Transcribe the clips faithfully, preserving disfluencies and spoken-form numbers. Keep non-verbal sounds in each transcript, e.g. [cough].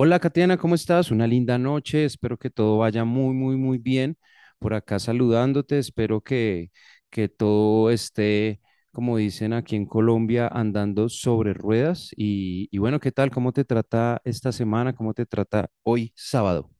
Hola, Katiana, ¿cómo estás? Una linda noche, espero que todo vaya muy, muy, muy bien. Por acá saludándote, espero que, que todo esté, como dicen aquí en Colombia, andando sobre ruedas. Y, y bueno, ¿qué tal? ¿Cómo te trata esta semana? ¿Cómo te trata hoy, sábado?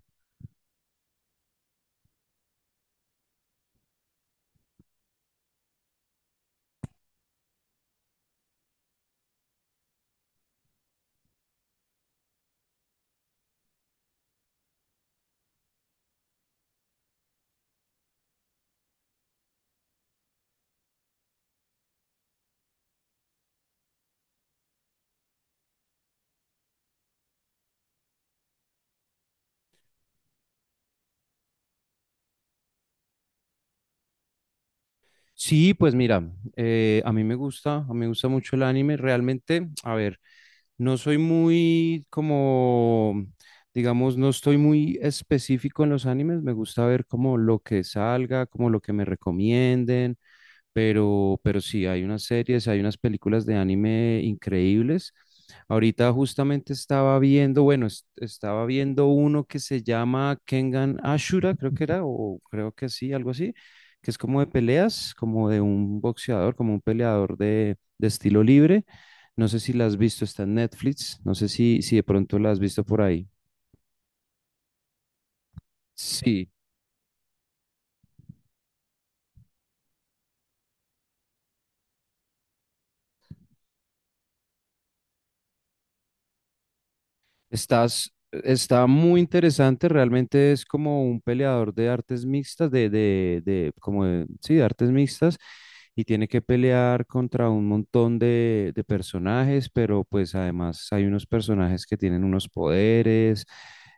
Sí, pues mira, eh, a mí me gusta, a mí me gusta mucho el anime. Realmente, a ver. No soy muy como, digamos, no estoy muy específico en los animes. Me gusta ver como lo que salga, como lo que me recomienden. Pero, pero sí, hay unas series, hay unas películas de anime increíbles. Ahorita justamente estaba viendo, bueno, es- estaba viendo uno que se llama Kengan Ashura, creo que era, o creo que sí, algo así, que es como de peleas, como de un boxeador, como un peleador de, de estilo libre. No sé si la has visto, está en Netflix, no sé si, si de pronto la has visto por ahí. Sí. Estás, está muy interesante, realmente es como un peleador de artes mixtas, de, de, de, como de- sí, de artes mixtas, y tiene que pelear contra un montón de, de personajes, pero pues además hay unos personajes que tienen unos poderes,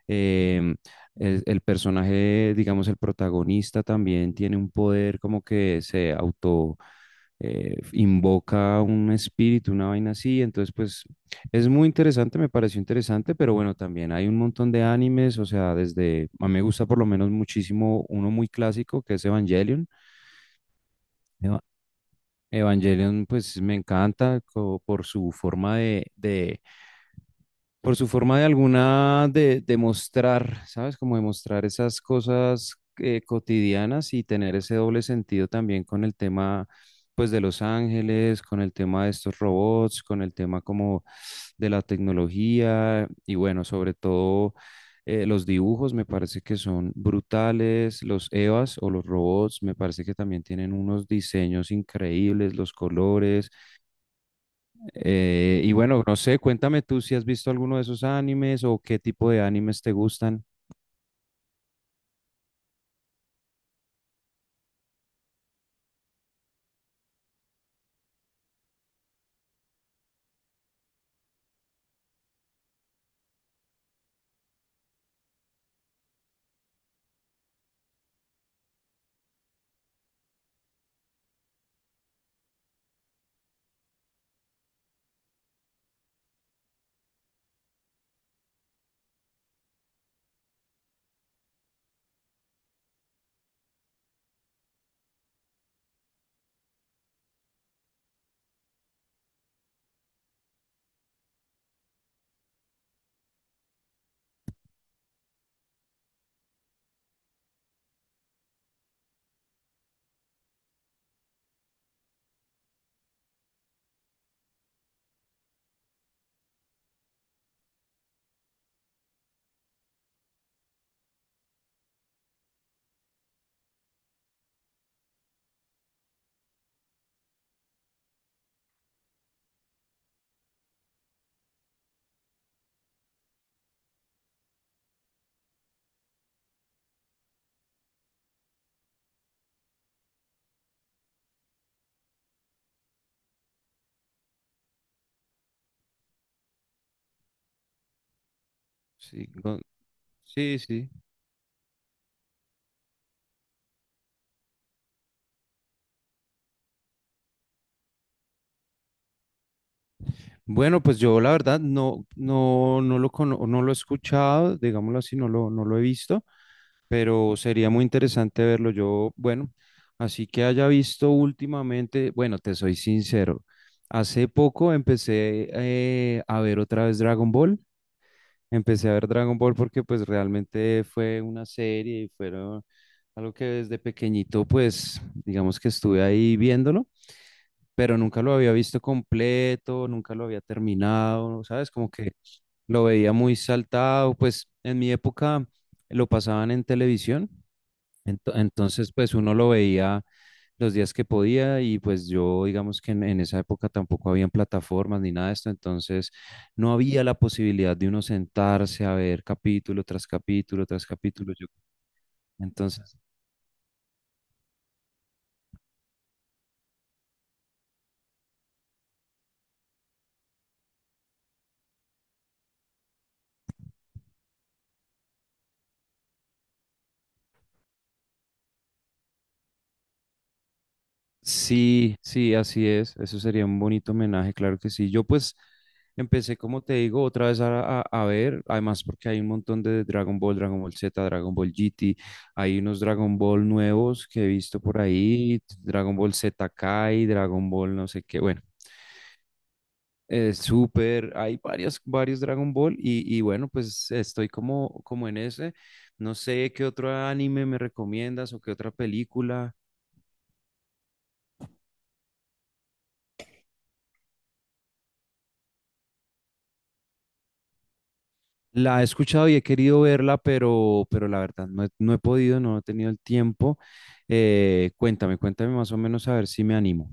em, el, el personaje, digamos, el protagonista también tiene un poder como que se auto... eh, invoca un espíritu, una vaina así, entonces pues es muy interesante, me pareció interesante, pero bueno, también hay un montón de animes, o sea, desde, a mí me gusta por lo menos muchísimo uno muy clásico que es Evangelion. Eva- Evangelion, pues me encanta co- por su forma de, de por su forma de alguna de, de mostrar, ¿sabes? Como demostrar esas cosas eh, cotidianas y tener ese doble sentido también con el tema, pues, de los ángeles, con el tema de estos robots, con el tema como de la tecnología y bueno, sobre todo eh, los dibujos me parece que son brutales, los EVAs o los robots me parece que también tienen unos diseños increíbles, los colores, eh, y bueno, no sé, cuéntame tú si has visto alguno de esos animes o qué tipo de animes te gustan. Sí, go- sí, sí. Bueno, pues yo la verdad no, no, no lo cono- no lo he escuchado, digámoslo así, no lo, no lo he visto, pero sería muy interesante verlo. Yo, bueno, así que haya visto últimamente, bueno, te soy sincero, hace poco empecé eh, a ver otra vez Dragon Ball. Empecé a ver Dragon Ball porque pues realmente fue una serie y fueron algo que desde pequeñito pues digamos que estuve ahí viéndolo, pero nunca lo había visto completo, nunca lo había terminado, ¿sabes? Como que lo veía muy saltado, pues en mi época lo pasaban en televisión. Ento- Entonces, pues uno lo veía los días que podía y pues yo, digamos que en, en esa época tampoco habían plataformas ni nada de esto, entonces no había la posibilidad de uno sentarse a ver capítulo tras capítulo tras capítulo. Yo, entonces sí, sí, así es. Eso sería un bonito homenaje, claro que sí. Yo pues empecé, como te digo, otra vez a, a- a ver, además porque hay un montón de Dragon Ball, Dragon Ball Z, Dragon Ball G T, hay unos Dragon Ball nuevos que he visto por ahí, Dragon Ball Z Kai, Dragon Ball no sé qué, bueno, eh, Super, hay varios, varios Dragon Ball y, y bueno, pues estoy como, como en ese. No sé qué otro anime me recomiendas o qué otra película. La he escuchado y he querido verla, pero, pero la verdad no he, no he podido, no he tenido el tiempo. Eh, cuéntame, cuéntame más o menos a ver si me animo.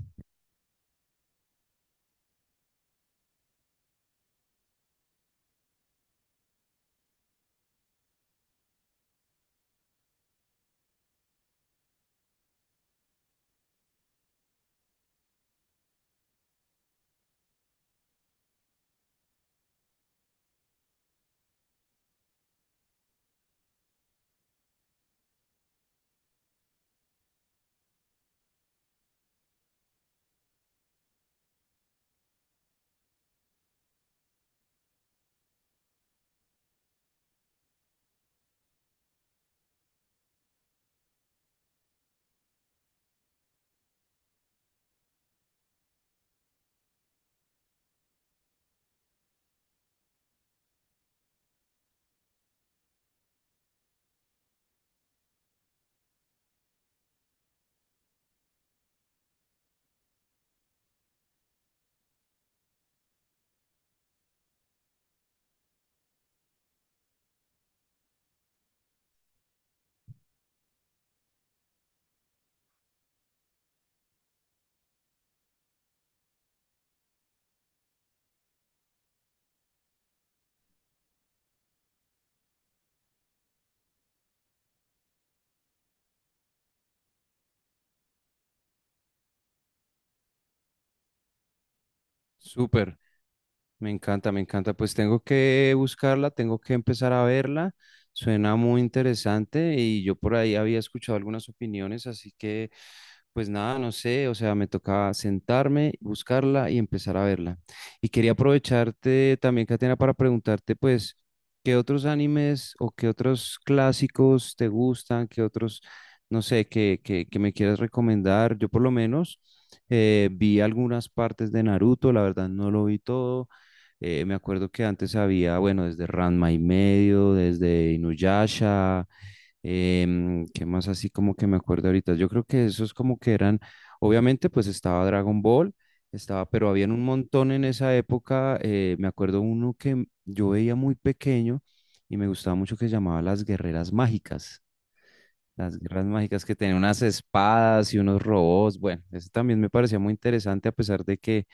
Súper. Me encanta, me encanta. Pues tengo que buscarla, tengo que empezar a verla. Suena muy interesante y yo por ahí había escuchado algunas opiniones, así que pues nada, no sé, o sea, me tocaba sentarme, buscarla y empezar a verla. Y quería aprovecharte también, Catena, para preguntarte pues qué otros animes o qué otros clásicos te gustan, qué otros, no sé, que, que, que me quieras recomendar. Yo por lo menos eh, vi algunas partes de Naruto, la verdad no lo vi todo. Eh, me acuerdo que antes había, bueno, desde Ranma y medio, desde Inuyasha. Em, ¿qué más así como que me acuerdo ahorita? Yo creo que esos como que eran, obviamente pues estaba Dragon Ball, estaba, pero habían un montón en esa época, eh, me acuerdo uno que m- yo veía muy pequeño y me gustaba mucho que se llamaba Las Guerreras Mágicas. Las guerras mágicas que tenían unas espadas y unos robots. Bueno, eso también me parecía muy interesante a pesar de que,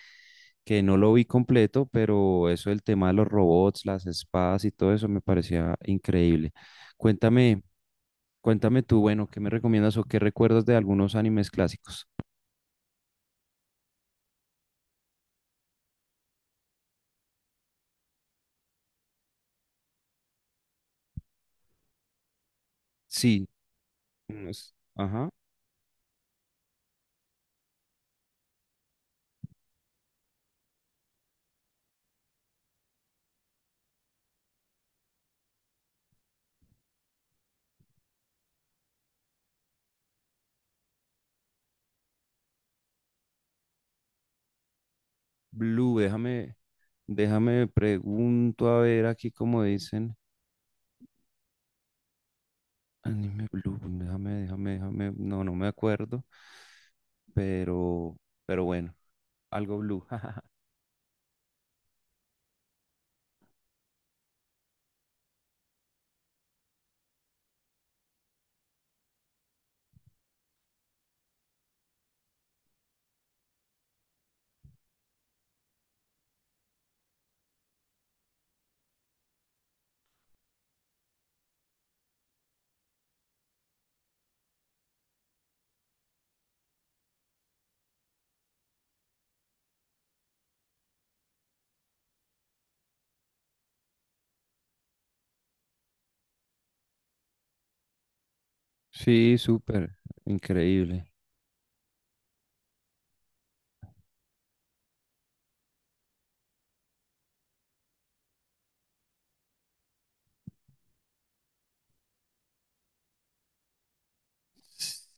que no lo vi completo, pero eso, el tema de los robots, las espadas y todo eso me parecía increíble. Cuéntame, cuéntame tú, bueno, ¿qué me recomiendas o qué recuerdas de algunos animes clásicos? Sí, unos, ajá. Blue, déjame, déjame pregunto a ver aquí cómo dicen. Anime Blue, déjame, déjame, déjame. No, no me acuerdo, pero, pero bueno, algo Blue. [laughs] Sí, súper, increíble.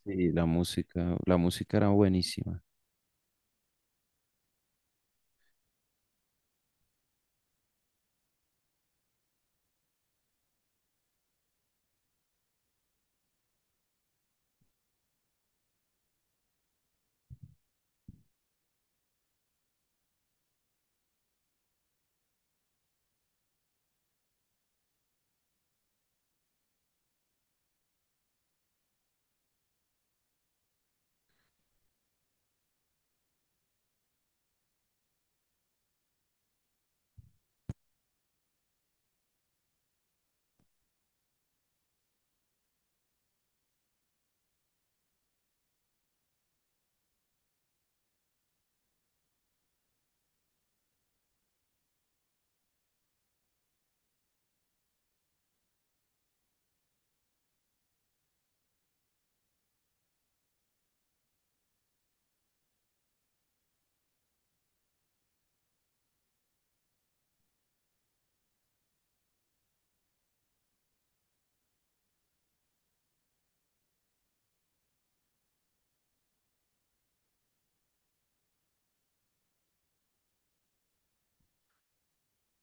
Sí, la música, la música era buenísima.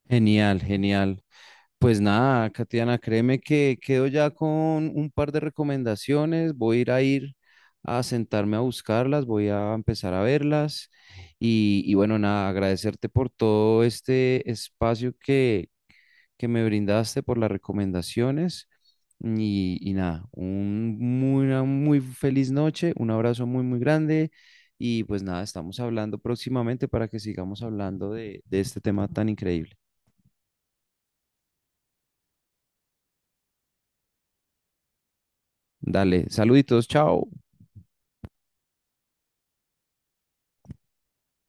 Genial, genial. Pues nada, Katiana, créeme que quedo ya con un par de recomendaciones. Voy a ir a ir a sentarme a buscarlas, voy a empezar a verlas. Y, y bueno, nada, agradecerte por todo este espacio que, que me brindaste, por las recomendaciones. Y, y nada, un, muy- una muy feliz noche, un abrazo muy, muy grande. Y pues nada, estamos hablando próximamente para que sigamos hablando de de este tema tan increíble. Dale, saluditos, chao.